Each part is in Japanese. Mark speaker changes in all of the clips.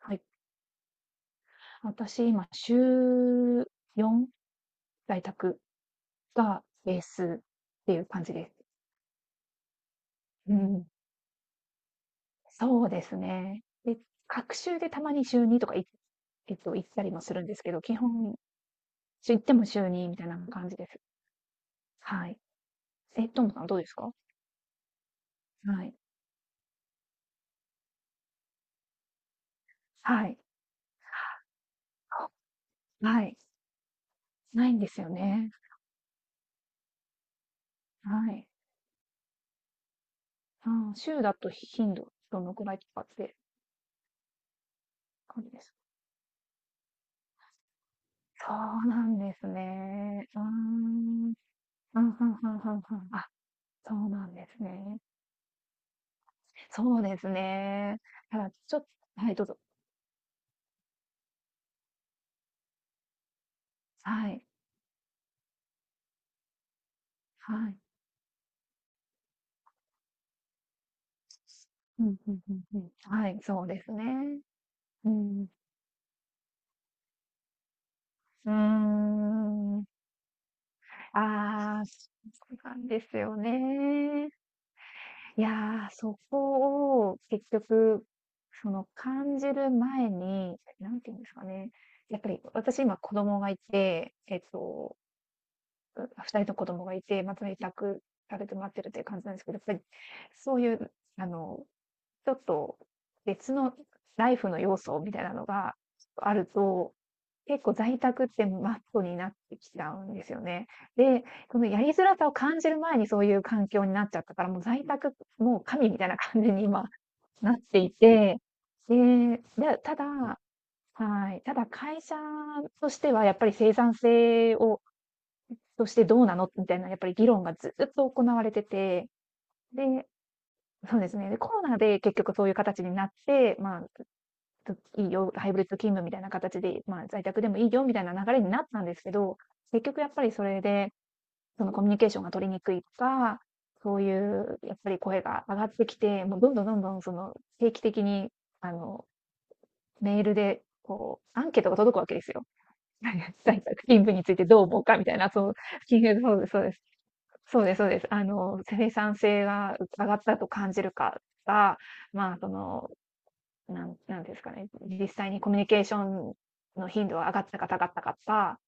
Speaker 1: はい。私、今、週4、在宅がベースっていう感じです。うん。そうですね。で、隔週でたまに週2とかいえっと、行ったりもするんですけど、基本、週行っても週2みたいな感じです。はい。ともさんどうですか？はい。はい。あはい。ないんですよね。はい。週だと頻度どのくらいとかって感じです？そうなんですね。うーん。うん、うんうんうんうん。あ、そうなんですね。そうですね。ただ、ちょっと、はい、どうぞ。はい。はい。うん、うんうんうん。はい、そうですね。うん。うーん。ああ、そうなんですよね。いやー、そこを結局、その感じる前に、なんて言うんですかね、やっぱり私今子供がいて、えっとう2人の子供がいて、まあ、在宅されてもらってるという感じなんですけど、やっぱりそういう、あの、ちょっと別のライフの要素みたいなのがあると、結構在宅ってマストになってきちゃうんですよね。で、このやりづらさを感じる前にそういう環境になっちゃったから、もう在宅、もう神みたいな感じに今なっていて、で、はい、ただ会社としてはやっぱり生産性をとしてどうなのみたいな、やっぱり議論がずっと行われてて、で、そうですね。で、コロナで結局そういう形になって、まあ、いいよ、ハイブリッド勤務みたいな形で、まあ、在宅でもいいよみたいな流れになったんですけど、結局やっぱりそれで、そのコミュニケーションが取りにくいとか、そういうやっぱり声が上がってきて、もうどんどんどんどんその定期的に、あの、メールで、こう、アンケートが届くわけですよ。在宅勤務についてどう思うかみたいな、そうですそうです。そうですそうです。生産性が上がったと感じるかとか、まあ、その、なんですかね、実際にコミュニケーションの頻度は上がったか下がったかとか、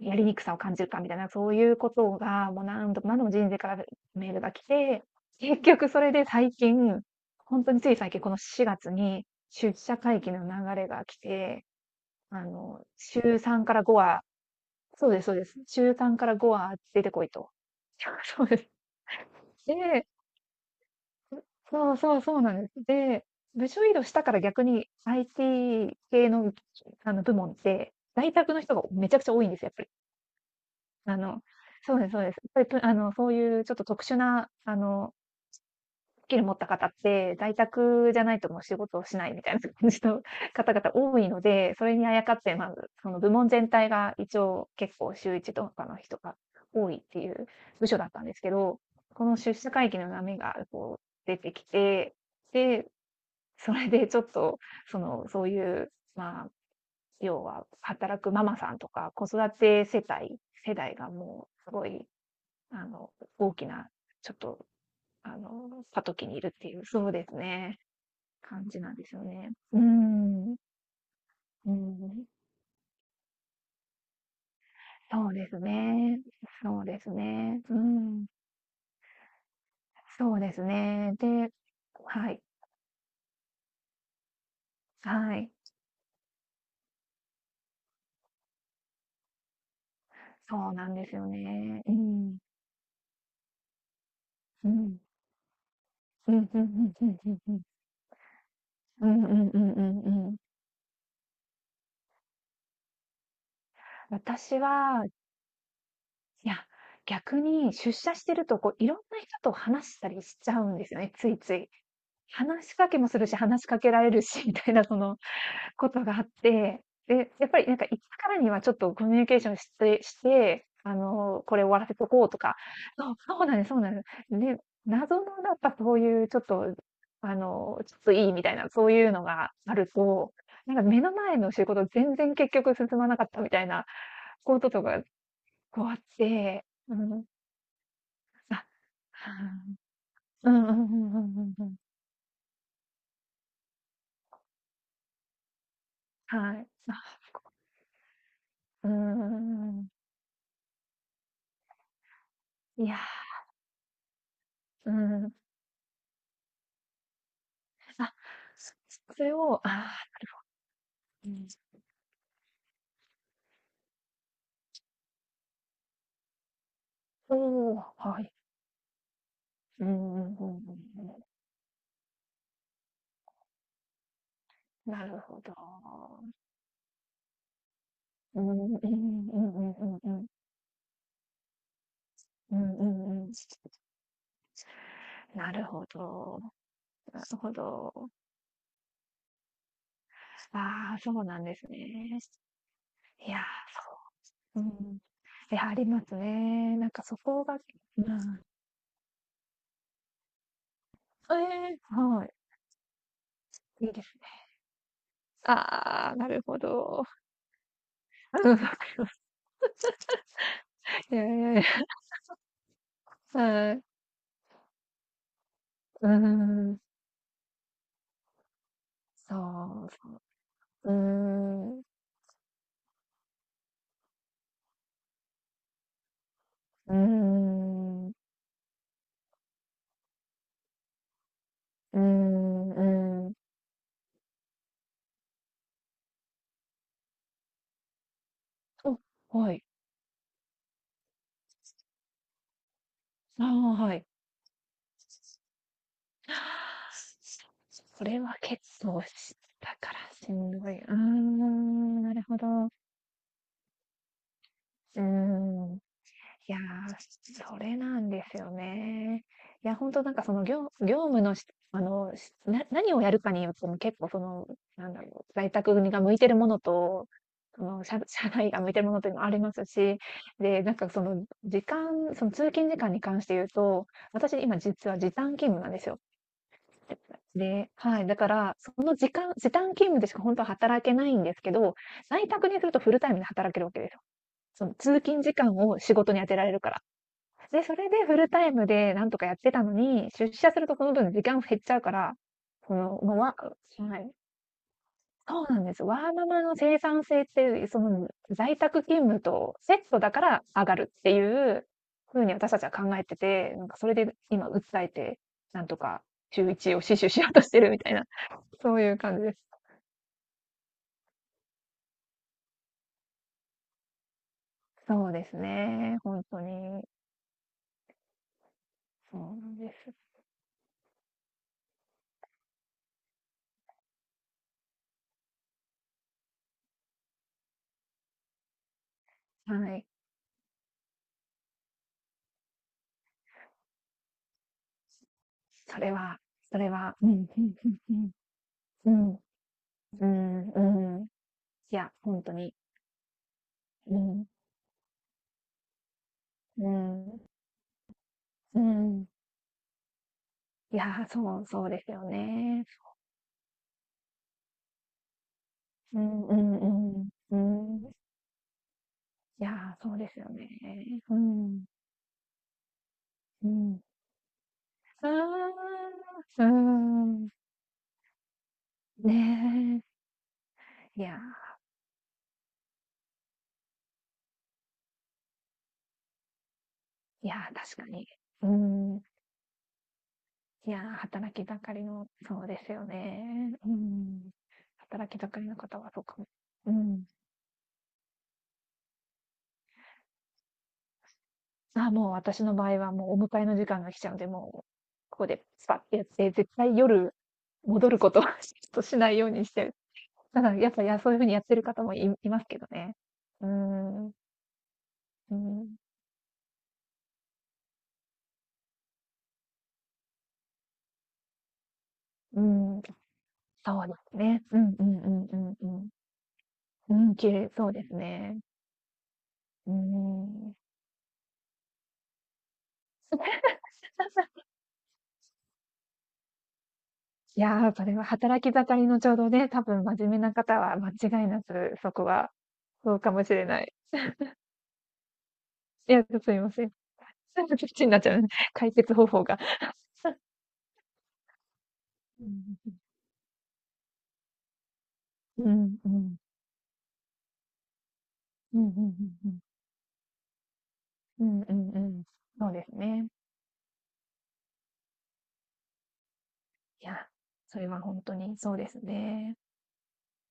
Speaker 1: やりにくさを感じるかみたいな、そういうことが、もう何度も何度も人生からメールが来て、結局それで最近、本当につい最近、この4月に出社会議の流れが来て、週3から5はそうですそうです。週3から5は出てこいと。そうです。で、そうそうそうなんです。で、部署移動したから逆に IT 系の、部門って、在宅の人がめちゃくちゃ多いんですよ、やっぱり。あの、そうですそうです。やっぱり、ぷあの、そういうちょっと特殊な、スキル持った方って、在宅じゃないともう仕事をしないみたいな感じの 方々多いので、それにあやかって、まず、その部門全体が一応結構週一とかの人が多いっていう部署だったんですけど、この出社会議の波がこう出てきて、で、それでちょっと、その、そういう、まあ、要は働くママさんとか、子育て世代がもうすごい、あの、大きな、ちょっと、過渡期にいるっていう、そうですね、感じなんですよね。うーん。うーん。そうですね。そうですね。うーん。そうですね。ではい。はい。そうなんですよね。うん。うん。うん。うんうんうんうんうん。うんうんうんうんうん。私は、いや、逆に出社してると、こう、いろんな人と話したりしちゃうんですよね、ついつい。話しかけもするし、話しかけられるし、みたいな、その、ことがあって、で、やっぱりなんかいつからにはちょっとコミュニケーションして、これ終わらせとこうとか、そうなんです、そうなんです。で、謎のやっぱそういうちょっと、ちょっといいみたいな、そういうのがあると、なんか目の前の仕事全然結局進まなかったみたいなこととかこうあって、うん、あ、はあ、うんうんうんうんうんうん。はい。あ、こうんうんうんうんうん。いや、うん。あ、そそれを、ああ、うん、おお、はい。うんうんうんうんうん。なるほど。うんうんうんうんうんうんうん。うんうんうん。なるほど。なるほど。ああ、そうなんですね。いや、そう。うん。いや、ありますね。なんかそこが、うん。ええ、はい。いいですね。ああ、なるほど。うん、わかります。いやいやいや、はい。うーん。そうそう。うーん。うーん。うーん、うーん。お、はい。ああ、はい。それは結構だからしんどい。うーん、なるほど。うーん。いやー、それなんですよね。いや、本当なんかその業務のしあの、しな何をやるかによっても結構その、なんだろう、在宅が向いてるものと、その社、しゃ社内が向いてるものというのもありますし、で、なんかその時間、その通勤時間に関して言うと、私今実は時短勤務なんですよ。で、はい、だから、時短勤務でしか本当は働けないんですけど、在宅にするとフルタイムで働けるわけですよ。その通勤時間を仕事に当てられるから。で、それでフルタイムでなんとかやってたのに、出社するとその分時間減っちゃうから、その、もうわはい。そうなんです。ワーママの生産性って、在宅勤務とセットだから上がるっていう風に私たちは考えてて、なんかそれで今訴えて、なんとか週一を死守しようとしてるみたいな、そういう感じです。そうですね、ほんとに。そうなんです。はい。それはそれは、うん、ふんふんふん。うん、うん、うんいや、本当に。うん。うん。うん。いや、そう、そうですよね。うんうんうん。うん。いや、そうですよね。うん。うん。うーん。うーん。ねえ。いや、いや、確かに。うん。いや、働き盛りのそうですよね。うん。働き盛りの方はそうかも。うん。あ、もう私の場合はもうお迎えの時間が来ちゃうんで、もう、ここでスパッてやって、絶対夜戻ることは ちょっとしないようにしてる。ただやっぱ、いやそういう風にやってる方もいいますけどね。うーん、うん、うん、そうですね。うんうんうんうんうん。うん、綺麗そうですね。うーん。いやー、それは働き盛りのちょうどね、多分真面目な方は間違いなくそこは、そうかもしれない。いや、ちょすいません。そっちになっちゃうね、解決方法が。うんうんうん。うんうん。うんうんうんうん。そうですね。いや、それは本当にそうですね。